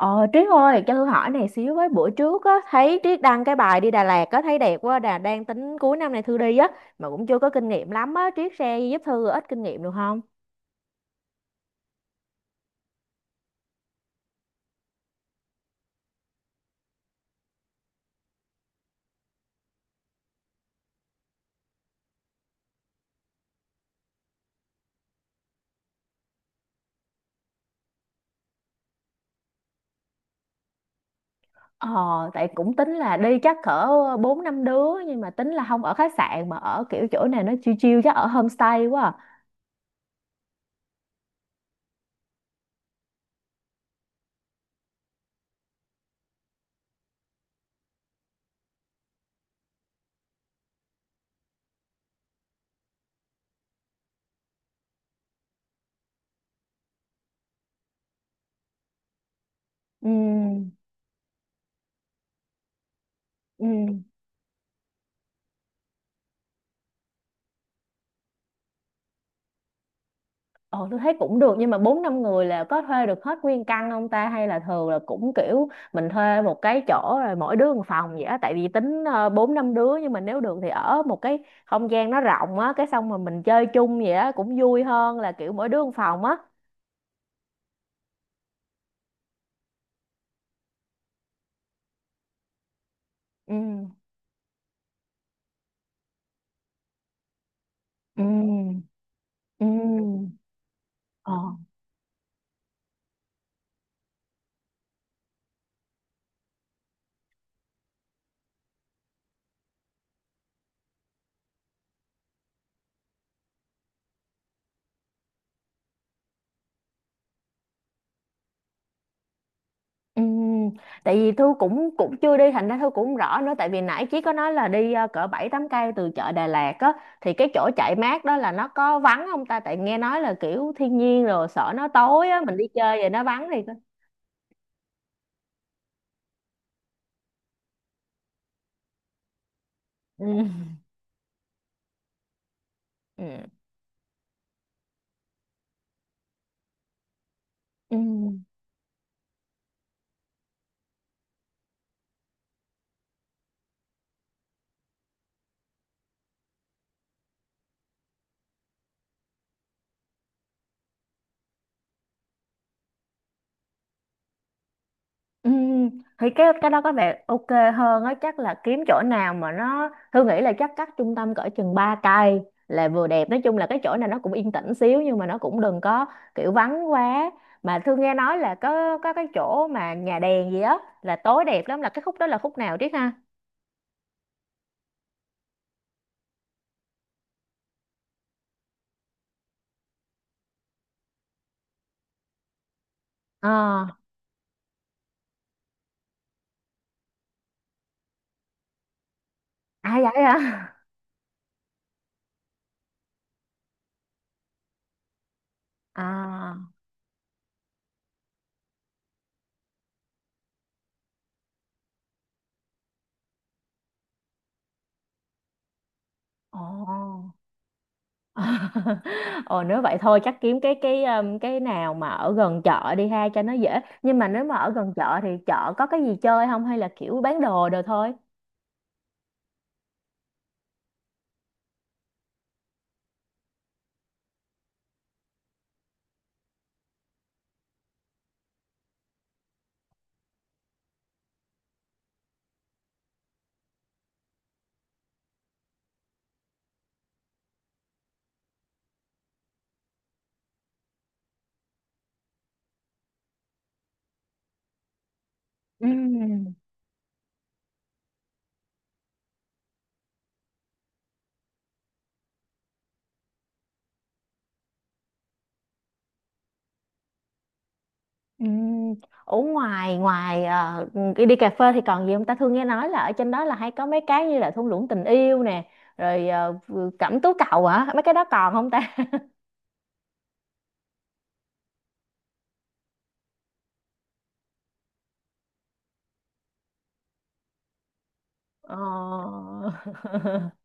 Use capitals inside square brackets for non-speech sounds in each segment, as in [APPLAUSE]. Ờ Trí ơi cho Thư hỏi này xíu với, bữa trước á thấy Trí đăng cái bài đi Đà Lạt á thấy đẹp quá, đà đang tính cuối năm này Thư đi á, mà cũng chưa có kinh nghiệm lắm á, Trí share giúp Thư ít kinh nghiệm được không? Ờ, Tại cũng tính là đi chắc cỡ 4 5 đứa, nhưng mà tính là không ở khách sạn mà ở kiểu chỗ này nó chill chill, chắc ở homestay quá. À. Ừ, ừ. Ờ tôi thấy cũng được, nhưng mà bốn năm người là có thuê được hết nguyên căn không ta, hay là thường là cũng kiểu mình thuê một cái chỗ rồi mỗi đứa một phòng vậy á, tại vì tính bốn năm đứa nhưng mà nếu được thì ở một cái không gian nó rộng á, cái xong mà mình chơi chung vậy á cũng vui hơn là kiểu mỗi đứa một phòng á. ừ ừ ừ ờ Ừm, tại vì Thu cũng cũng chưa đi thành ra Thu cũng không rõ nữa, tại vì nãy Chí có nói là đi cỡ 7 8 cây từ chợ Đà Lạt á, thì cái chỗ chạy mát đó là nó có vắng không ta, tại nghe nói là kiểu thiên nhiên rồi sợ nó tối á mình đi chơi vậy nó vắng thì. Ừ. Ừ. Ừ. Ừm, thì cái đó có vẻ ok hơn á, chắc là kiếm chỗ nào mà nó, Thư nghĩ là chắc cách trung tâm cỡ chừng 3 cây là vừa đẹp. Nói chung là cái chỗ này nó cũng yên tĩnh xíu nhưng mà nó cũng đừng có kiểu vắng quá. Mà Thư nghe nói là có cái chỗ mà nhà đèn gì á là tối đẹp lắm, là cái khúc đó là khúc nào Triết ha? ờ À vậy hả? À. Ồ. [LAUGHS] Ồ nếu vậy thôi chắc kiếm cái cái nào mà ở gần chợ đi ha cho nó dễ. Nhưng mà nếu mà ở gần chợ thì chợ có cái gì chơi không, hay là kiểu bán đồ đồ thôi? Ừm, Ừm, Ở ngoài ngoài ờ, đi, đi cà phê thì còn gì không ta? Thường nghe nói là ở trên đó là hay có mấy cái như là thung lũng tình yêu nè, rồi cẩm tú cầu hả? Mấy cái đó còn không ta? Ờ. [LAUGHS]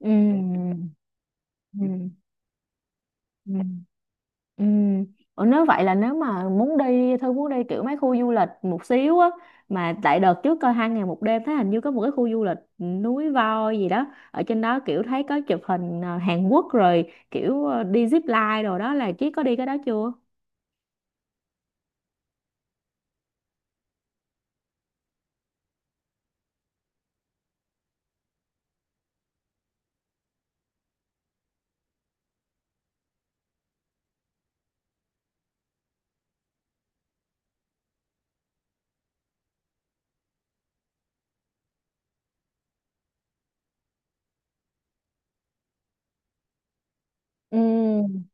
ừm, ừm, ừm. Ừ. Ủa nếu vậy là nếu mà muốn đi thôi muốn đi kiểu mấy khu du lịch một xíu á, mà tại đợt trước coi hai ngày một đêm thấy hình như có một cái khu du lịch núi voi gì đó ở trên đó, kiểu thấy có chụp hình à, Hàn Quốc, rồi kiểu à, đi zip line, rồi đó là Chí có đi cái đó chưa? Ừ.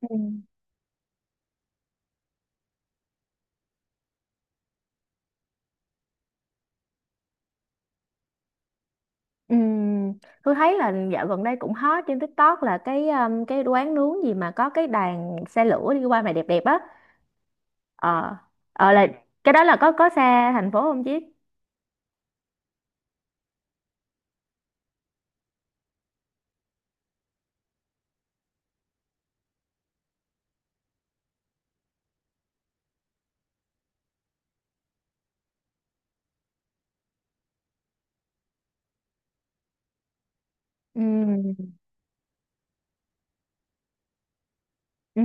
Ừ. Ừ. Tôi thấy là dạo gần đây cũng hot trên TikTok là cái quán nướng gì mà có cái đoàn xe lửa đi qua mà đẹp đẹp á. Ờ ờ là Cái đó là có xa thành phố không Chí? Ừ. Ừ.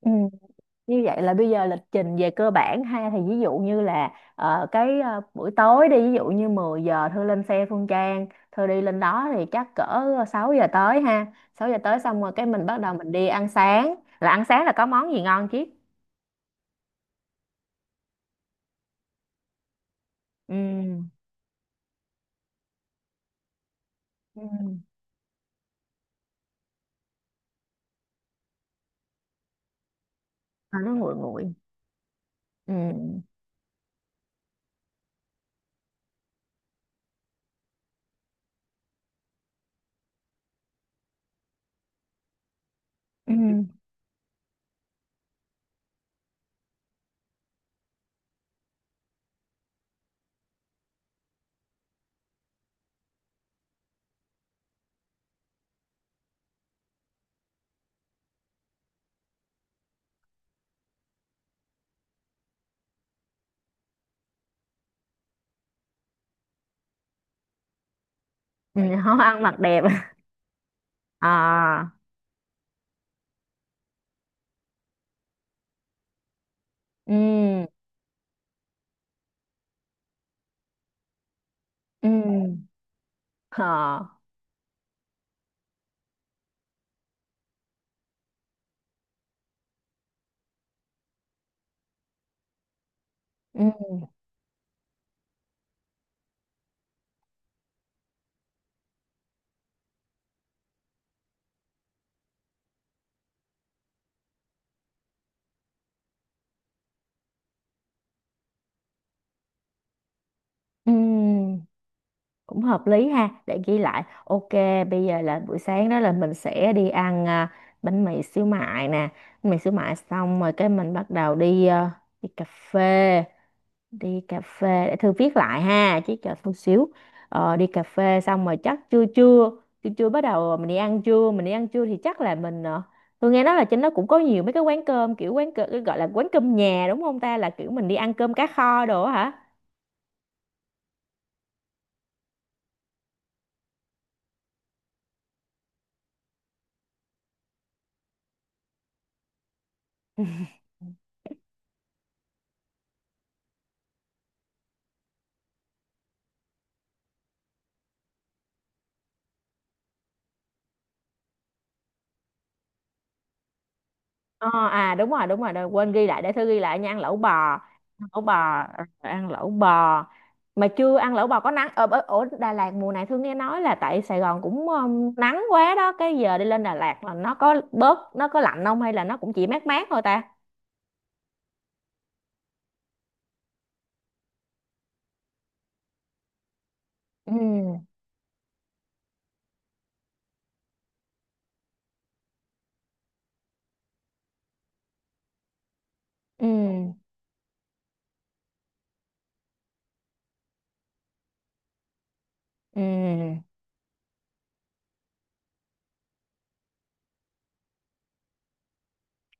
Ừ. Như vậy là bây giờ lịch trình về cơ bản ha, thì ví dụ như là buổi tối đi ví dụ như 10 giờ Thư lên xe Phương Trang, Thư đi lên đó thì chắc cỡ 6 giờ tới ha, 6 giờ tới xong rồi cái mình bắt đầu mình đi ăn sáng, là ăn sáng là có món gì ngon chứ? ừ ừ À, nó nguội nguội. ừ ừ ừ Không ăn mặc đẹp. [LAUGHS] à ừ ừ ờ ừ ừ Cũng hợp lý ha, để ghi lại ok. Bây giờ là buổi sáng đó là mình sẽ đi ăn bánh mì xíu mại nè. Bánh mì xíu mại xong rồi cái mình bắt đầu đi đi cà phê, đi cà phê để thư viết lại ha, chứ chờ chút xíu. Ờ, đi cà phê xong rồi chắc trưa trưa, trưa trưa bắt đầu mình đi ăn trưa, mình đi ăn trưa thì chắc là mình tôi nghe nói là trên đó cũng có nhiều mấy cái quán cơm, kiểu quán cơm gọi là quán cơm nhà đúng không ta, là kiểu mình đi ăn cơm cá kho đồ á. Hả? [LAUGHS] Ờ, à đúng rồi đúng rồi. Đợi, quên ghi lại để thơ ghi lại nha. Ăn lẩu bò, ăn lẩu bò, ờ, ăn lẩu bò. Mà chưa ăn lẩu bò có nắng ở Đà Lạt mùa này, Thương nghe nói là tại Sài Gòn cũng nắng quá đó, cái giờ đi lên Đà Lạt là nó có bớt nó có lạnh không, hay là nó cũng chỉ mát mát thôi ta? ừ ừ ừ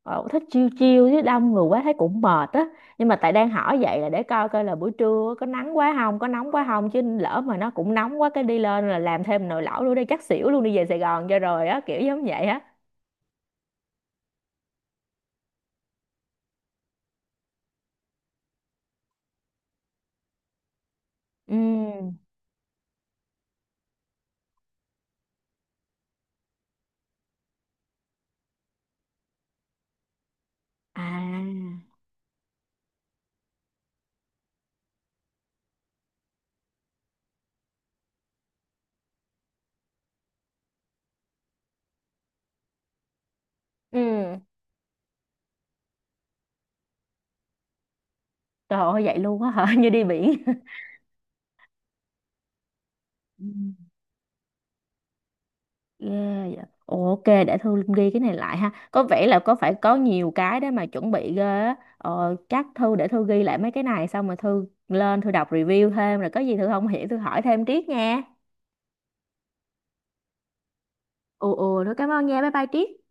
ờ, thích chiêu chiêu chứ đông người quá thấy cũng mệt á. Nhưng mà tại đang hỏi vậy là để coi coi là buổi trưa có nắng quá không có nóng quá không, chứ lỡ mà nó cũng nóng quá cái đi lên là làm thêm nồi lẩu nữa đi chắc xỉu luôn, đi về Sài Gòn cho rồi á kiểu giống vậy á. ừ à ừ Trời ơi vậy luôn á hả? [LAUGHS] Như đi biển. Ừ. Yeah, dạ. Ồ, ok, để Thư ghi cái này lại ha. Có vẻ là có phải có nhiều cái để mà chuẩn bị ghê á. Ờ, chắc Thư để Thư ghi lại mấy cái này xong rồi Thư lên Thư đọc review thêm, rồi có gì Thư không hiểu Thư hỏi thêm Triết nha. Ồ ồ, thôi cảm ơn nha. Bye bye Triết.